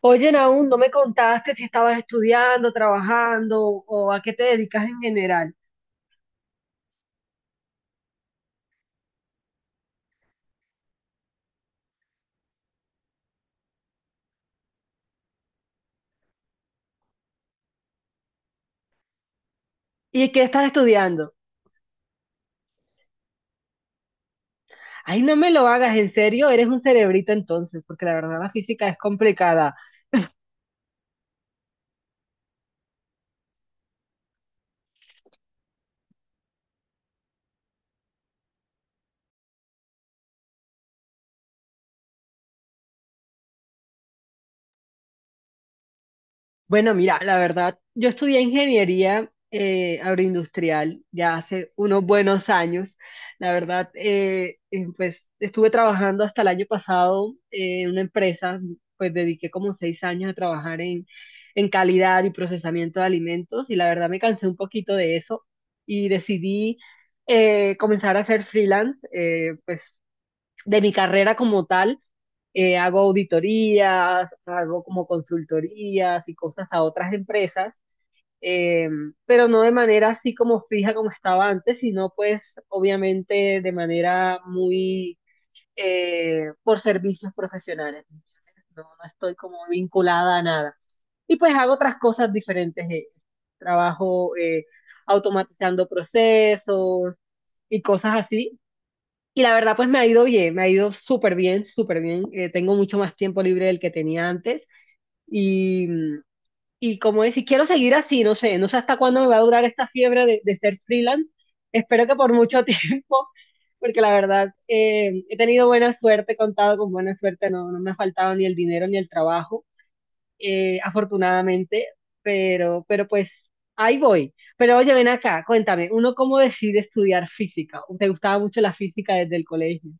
Oye, aún no me contaste si estabas estudiando, trabajando o a qué te dedicas en general. ¿Y qué estás estudiando? Ay, no me lo hagas, en serio, eres un cerebrito entonces, porque la verdad la física es complicada. Bueno, mira, la verdad, yo estudié ingeniería agroindustrial ya hace unos buenos años. La verdad, pues estuve trabajando hasta el año pasado en una empresa, pues dediqué como 6 años a trabajar en calidad y procesamiento de alimentos, y la verdad me cansé un poquito de eso y decidí comenzar a hacer freelance. Pues de mi carrera como tal, hago auditorías, hago como consultorías y cosas a otras empresas, eh, pero no de manera así como fija como estaba antes, sino pues obviamente de manera muy por servicios profesionales. No, no estoy como vinculada a nada. Y pues hago otras cosas diferentes. Trabajo automatizando procesos y cosas así. Y la verdad, pues me ha ido bien, me ha ido súper bien, súper bien. Tengo mucho más tiempo libre del que tenía antes. Y, mm, y como decir, quiero seguir así, no sé, no sé hasta cuándo me va a durar esta fiebre de ser freelance. Espero que por mucho tiempo, porque la verdad, he tenido buena suerte, he contado con buena suerte, no, no me ha faltado ni el dinero ni el trabajo, afortunadamente, pero pues ahí voy. Pero oye, ven acá, cuéntame, ¿uno cómo decide estudiar física? ¿Te gustaba mucho la física desde el colegio?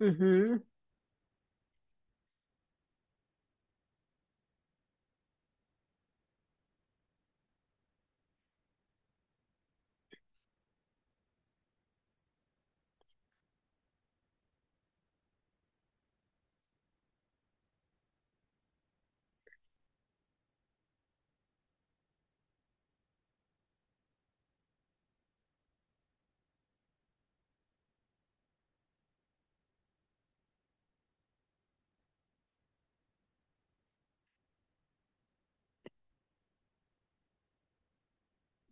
Ujú.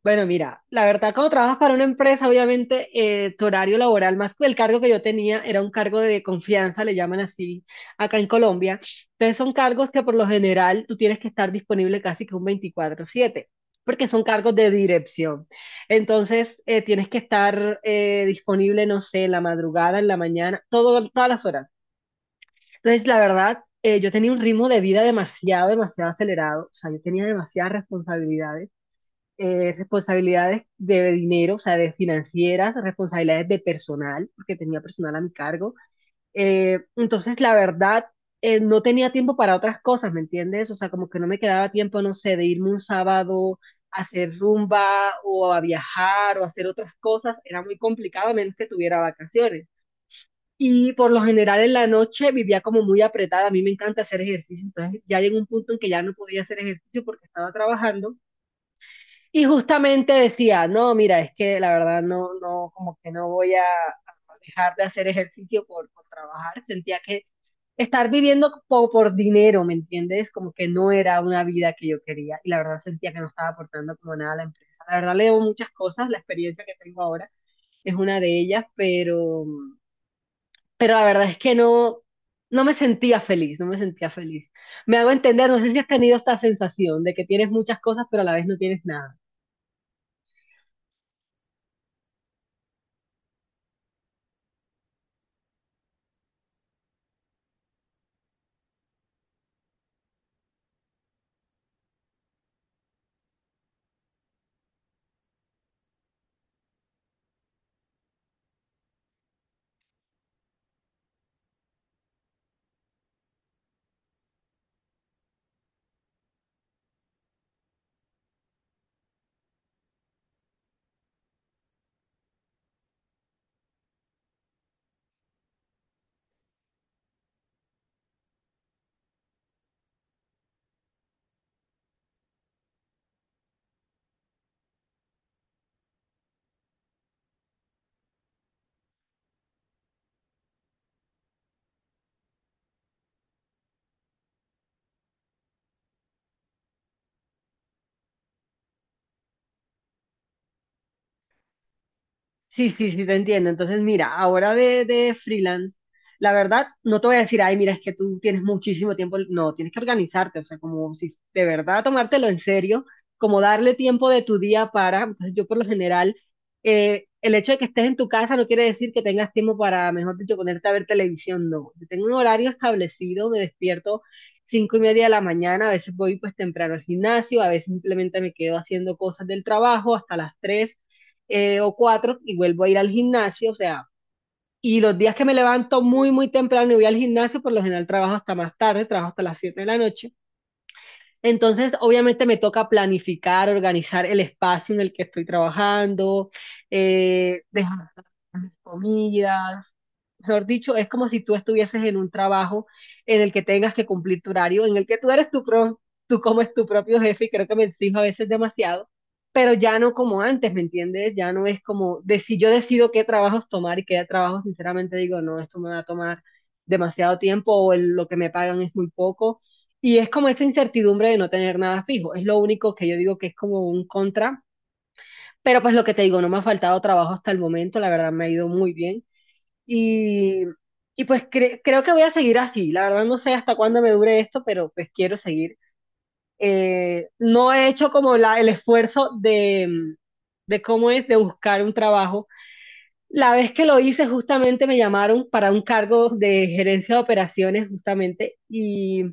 Bueno, mira, la verdad, cuando trabajas para una empresa, obviamente tu horario laboral, más que el cargo que yo tenía, era un cargo de confianza, le llaman así acá en Colombia. Entonces son cargos que por lo general tú tienes que estar disponible casi que un 24/7, porque son cargos de dirección. Entonces tienes que estar disponible, no sé, en la madrugada, en la mañana, todo, todas las horas. Entonces, la verdad, yo tenía un ritmo de vida demasiado, demasiado acelerado. O sea, yo tenía demasiadas responsabilidades, responsabilidades de dinero, o sea, de financieras, responsabilidades de personal, porque tenía personal a mi cargo. Entonces, la verdad, no tenía tiempo para otras cosas, ¿me entiendes? O sea, como que no me quedaba tiempo, no sé, de irme un sábado a hacer rumba o a viajar o a hacer otras cosas. Era muy complicado, a menos que tuviera vacaciones. Y por lo general en la noche vivía como muy apretada. A mí me encanta hacer ejercicio, entonces ya llegó un punto en que ya no podía hacer ejercicio porque estaba trabajando y justamente decía, no, mira, es que la verdad no, no, como que no voy a dejar de hacer ejercicio por trabajar. Sentía que estar viviendo po- por, dinero, ¿me entiendes? Como que no era una vida que yo quería. Y la verdad sentía que no estaba aportando como nada a la empresa. La verdad le debo muchas cosas, la experiencia que tengo ahora es una de ellas, pero la verdad es que no, no me sentía feliz, no me sentía feliz. Me hago entender, no sé si has tenido esta sensación de que tienes muchas cosas, pero a la vez no tienes nada. Sí, sí, sí, te entiendo. Entonces, mira, ahora de freelance, la verdad, no te voy a decir, ay, mira, es que tú tienes muchísimo tiempo. No, tienes que organizarte, o sea, como si de verdad tomártelo en serio, como darle tiempo de tu día para. Entonces, yo por lo general, el hecho de que estés en tu casa no quiere decir que tengas tiempo para, mejor dicho, ponerte a ver televisión, no. Yo tengo un horario establecido, me despierto 5:30 de la mañana, a veces voy pues temprano al gimnasio, a veces simplemente me quedo haciendo cosas del trabajo hasta las tres o cuatro y vuelvo a ir al gimnasio, o sea, y los días que me levanto muy, muy temprano y voy al gimnasio, por lo general trabajo hasta más tarde, trabajo hasta las 7 de la noche. Entonces, obviamente me toca planificar, organizar el espacio en el que estoy trabajando, dejar mis comidas. Mejor dicho, es como si tú estuvieses en un trabajo en el que tengas que cumplir tu horario, en el que tú eres tu pro, tú como es tu propio jefe, y creo que me exijo a veces demasiado, pero ya no como antes, ¿me entiendes? Ya no es como, de, si yo decido qué trabajos tomar y qué trabajos sinceramente digo, no, esto me va a tomar demasiado tiempo o el- lo que me pagan es muy poco. Y es como esa incertidumbre de no tener nada fijo. Es lo único que yo digo que es como un contra. Pero pues lo que te digo, no me ha faltado trabajo hasta el momento, la verdad me ha ido muy bien. Y, y pues cre- creo que voy a seguir así. La verdad no sé hasta cuándo me dure esto, pero pues quiero seguir. No he hecho como la, el esfuerzo de cómo es de buscar un trabajo. La vez que lo hice justamente me llamaron para un cargo de gerencia de operaciones justamente y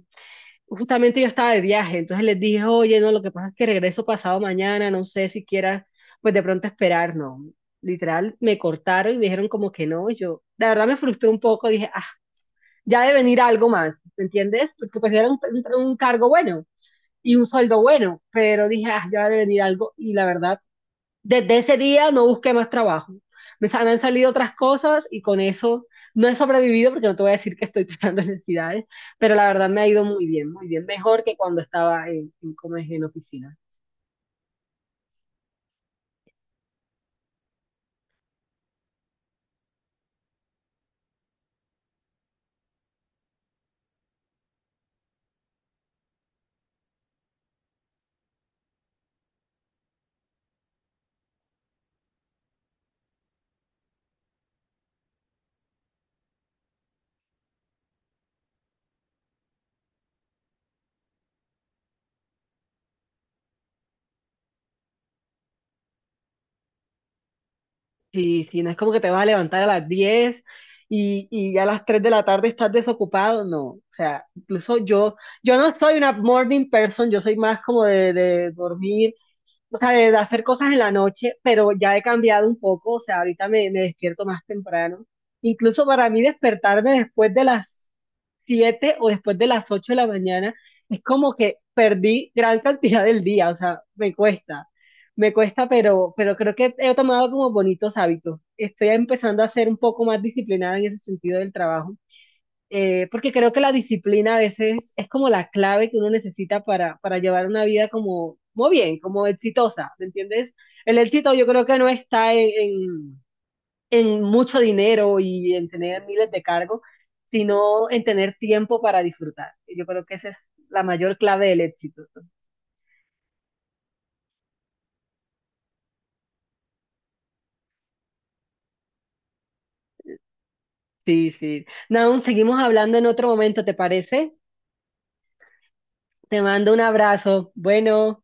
justamente yo estaba de viaje, entonces les dije, oye, no, lo que pasa es que regreso pasado mañana, no sé si quieras, pues de pronto esperar, no. Literal, me cortaron y me dijeron como que no, y yo, la verdad me frustré un poco, dije, ah, ya debe venir algo más, ¿me entiendes? Porque pues era un cargo bueno y un sueldo bueno, pero dije, ah, ya debe venir algo y la verdad desde ese día no busqué más trabajo. Me, sa- me han salido otras cosas y con eso no he sobrevivido porque no te voy a decir que estoy tratando necesidades, pero la verdad me ha ido muy bien, mejor que cuando estaba como es, en oficina. Y si no es como que te vas a levantar a las 10 y ya a las 3 de la tarde estás desocupado, no. O sea, incluso yo, yo no soy una morning person, yo soy más de dormir, o sea, de hacer cosas en la noche, pero ya he cambiado un poco, o sea, ahorita me despierto más temprano. Incluso para mí despertarme después de las 7 o después de las 8 de la mañana es como que perdí gran cantidad del día, o sea, me cuesta, pero creo que he tomado como bonitos hábitos. Estoy empezando a ser un poco más disciplinada en ese sentido del trabajo, porque creo que la disciplina a veces es como la clave que uno necesita para llevar una vida como, muy bien, como exitosa, ¿me entiendes? El éxito yo creo que no está en mucho dinero y en tener miles de cargos, sino en tener tiempo para disfrutar. Yo creo que esa es la mayor clave del éxito. Sí, sí. Naun, seguimos hablando en otro momento, ¿te parece? Te mando un abrazo. Bueno.